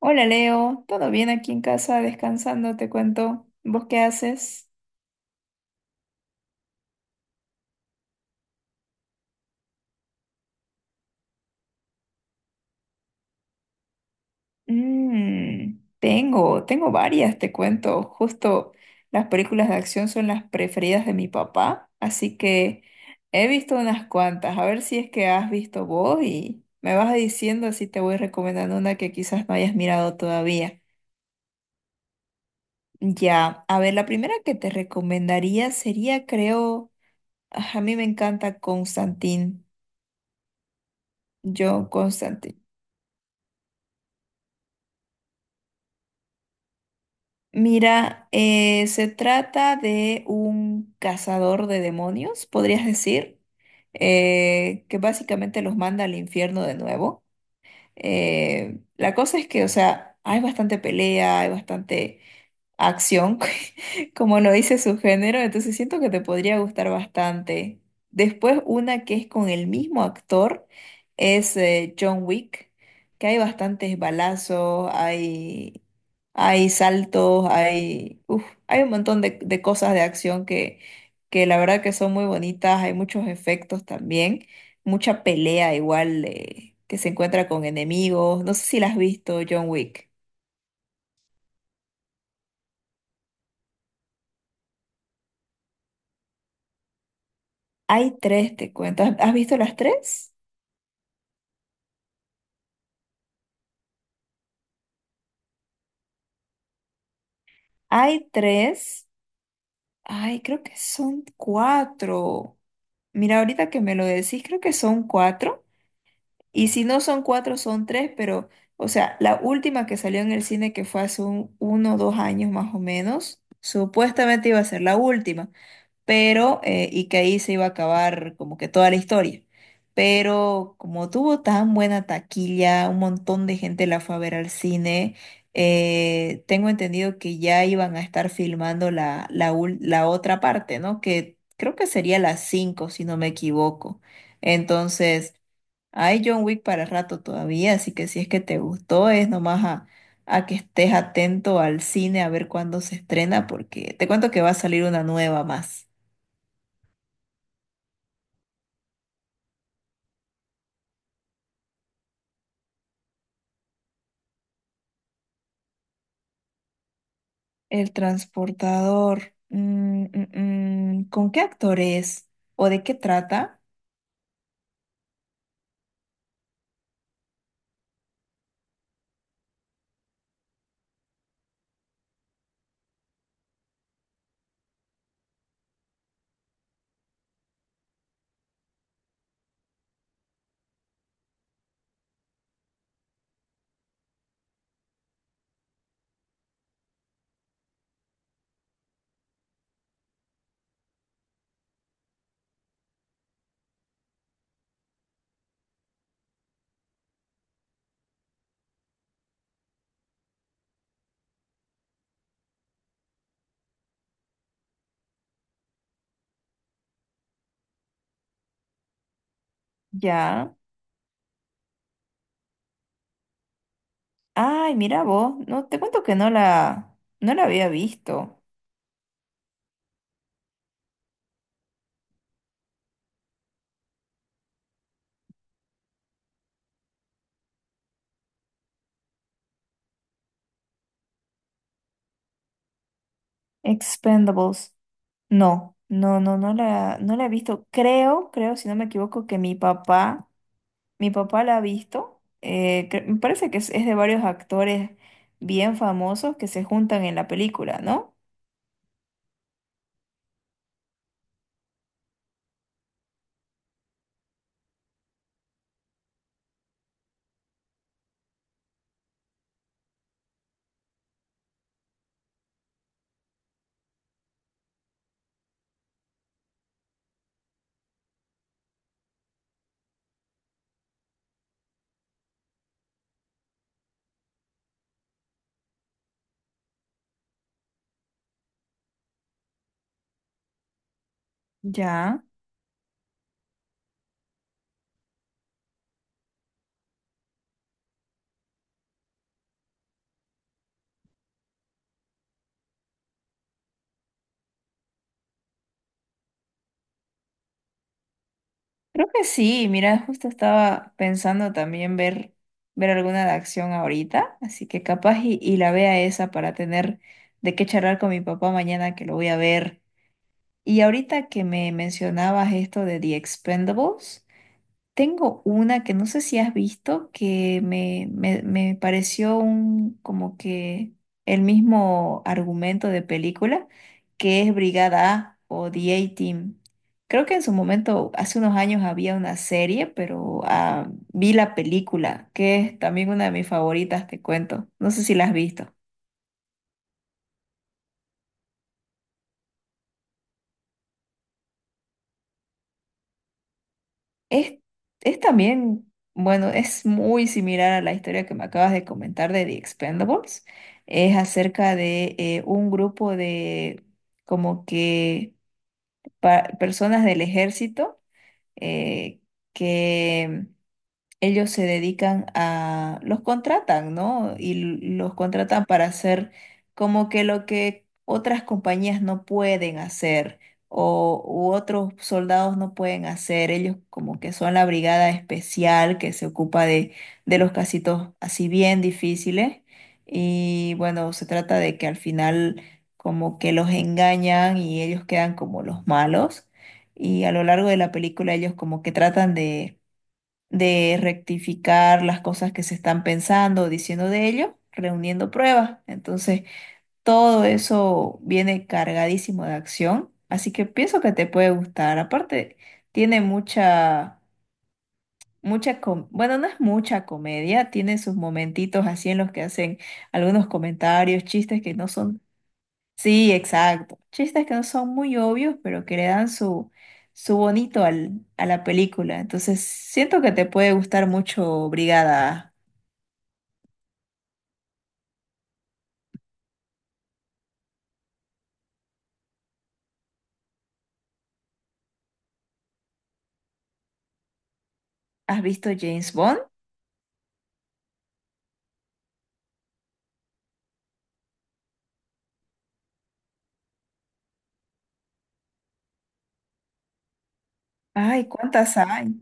Hola Leo, ¿todo bien aquí en casa? Descansando, te cuento. ¿Vos qué haces? Mm, tengo varias, te cuento. Justo las películas de acción son las preferidas de mi papá, así que he visto unas cuantas. A ver si es que has visto vos y me vas diciendo así te voy recomendando una que quizás no hayas mirado todavía. Ya, a ver, la primera que te recomendaría sería, creo, a mí me encanta Constantine. Yo, Constantine. Mira, se trata de un cazador de demonios, podrías decir, que básicamente los manda al infierno de nuevo. La cosa es que, o sea, hay bastante pelea, hay bastante acción, como lo dice su género, entonces siento que te podría gustar bastante. Después, una que es con el mismo actor es John Wick, que hay bastantes balazos, hay... Hay saltos, hay, uf, hay un montón de cosas de acción que la verdad que son muy bonitas, hay muchos efectos también, mucha pelea igual que se encuentra con enemigos. No sé si la has visto, John Wick. Hay tres, te cuento. ¿Has visto las tres? Hay tres. Ay, creo que son cuatro. Mira, ahorita que me lo decís, creo que son cuatro. Y si no son cuatro, son tres, pero, o sea, la última que salió en el cine, que fue hace un, uno o dos años más o menos, supuestamente iba a ser la última, pero, y que ahí se iba a acabar como que toda la historia. Pero como tuvo tan buena taquilla, un montón de gente la fue a ver al cine, tengo entendido que ya iban a estar filmando la otra parte, ¿no? Que creo que sería las cinco, si no me equivoco. Entonces... Hay John Wick para rato todavía, así que si es que te gustó, es nomás a que estés atento al cine a ver cuándo se estrena, porque te cuento que va a salir una nueva más. El transportador. Mm, mm, mm, ¿con qué actor es? ¿O de qué trata? Ya. Ay, mira vos. No, te cuento que no la había visto. Expendables. No, no, no, no la he visto. Creo, creo, si no me equivoco, que mi papá. Mi papá la ha visto. Cre- me parece que es de varios actores bien famosos que se juntan en la película, ¿no? Ya. Creo que sí. Mira, justo estaba pensando también ver, ver alguna de acción ahorita. Así que capaz y la vea esa para tener de qué charlar con mi papá mañana que lo voy a ver. Y ahorita que me mencionabas esto de The Expendables. Tengo una que no sé si has visto, me pareció un, como que el mismo argumento de película, que es Brigada A o The A-Team. Creo que en su momento, hace unos años, había una serie, pero vi la película, que es también una de mis favoritas, te cuento. No sé si la has visto. Es, es también, bueno, es muy similar a la historia que me acabas de comentar de The Expendables. Es acerca de un grupo de como que personas del ejército eh, que ellos se dedican a, los contratan, ¿no? Y los contratan para hacer como que lo que otras compañías no pueden hacer o u otros soldados no pueden hacer. Ellos como que son la brigada especial que se ocupa de los casitos así bien difíciles. Y bueno, se trata de que al final como que los engañan y ellos quedan como los malos. Y a lo largo de la película ellos como que tratan de rectificar las cosas que se están pensando o diciendo de ello, reuniendo pruebas. Entonces, todo eso viene cargadísimo de acción, así que pienso que te puede gustar. Aparte, tiene mucha, mucha, bueno, no es mucha comedia, tiene sus momentitos así en los que hacen algunos comentarios, chistes que no son... Sí, exacto. Chistes que no son muy obvios, pero que le dan su, su bonito al, a la película. Entonces, siento que te puede gustar mucho Brigada. ¿Has visto James Bond? Ay, ¿cuántas hay?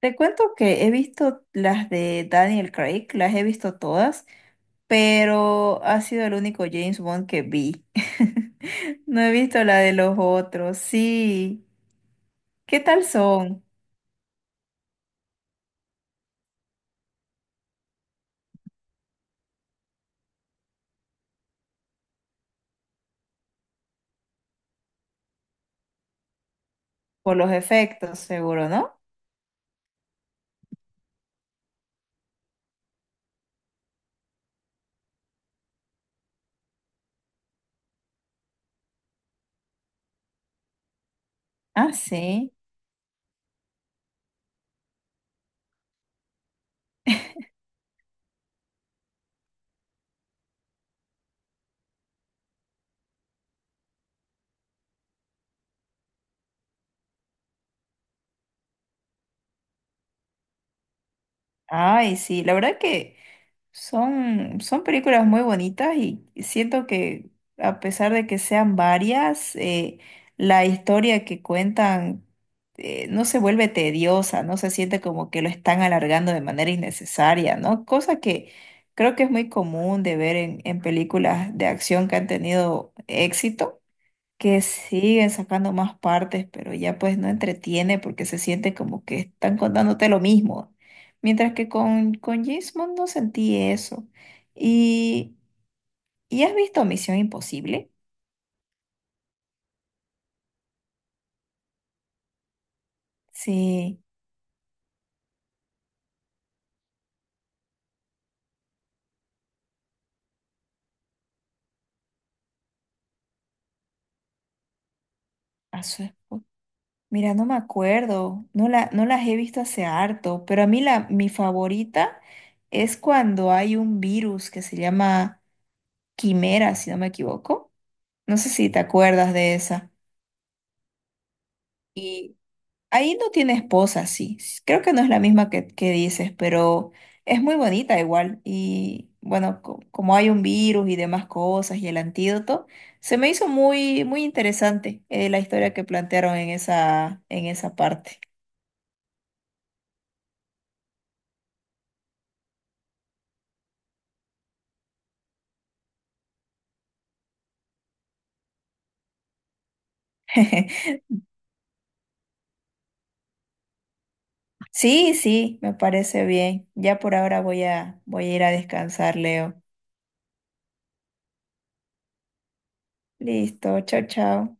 Te cuento que he visto las de Daniel Craig, las he visto todas, pero ha sido el único James Bond que vi. No he visto la de los otros, sí. ¿Qué tal son? Por los efectos, seguro, ¿no? Ah, sí. Ay, sí, la verdad que son, son películas muy bonitas y siento que a pesar de que sean varias, la historia que cuentan no se vuelve tediosa, no se siente como que lo están alargando de manera innecesaria, ¿no? Cosa que creo que es muy común de ver en películas de acción que han tenido éxito, que siguen sacando más partes, pero ya pues no entretiene porque se siente como que están contándote lo mismo. Mientras que con James Bond no sentí eso. ¿Y, ¿Y has visto Misión Imposible? Sí, a su esposa. Mira, no me acuerdo, no, la, no las he visto hace harto, pero a mí la, mi favorita es cuando hay un virus que se llama Quimera, si no me equivoco. No sé si te acuerdas de esa. Ahí no tiene esposa, sí. S- Creo que no es la misma que dices, pero es muy bonita igual. Y bueno, como hay un virus y demás cosas y el antídoto, se me hizo muy, muy interesante la historia que plantearon en esa parte. Sí, sí, me parece bien. Ya por ahora voy a, voy a ir a descansar, Leo. Listo, chao, chao.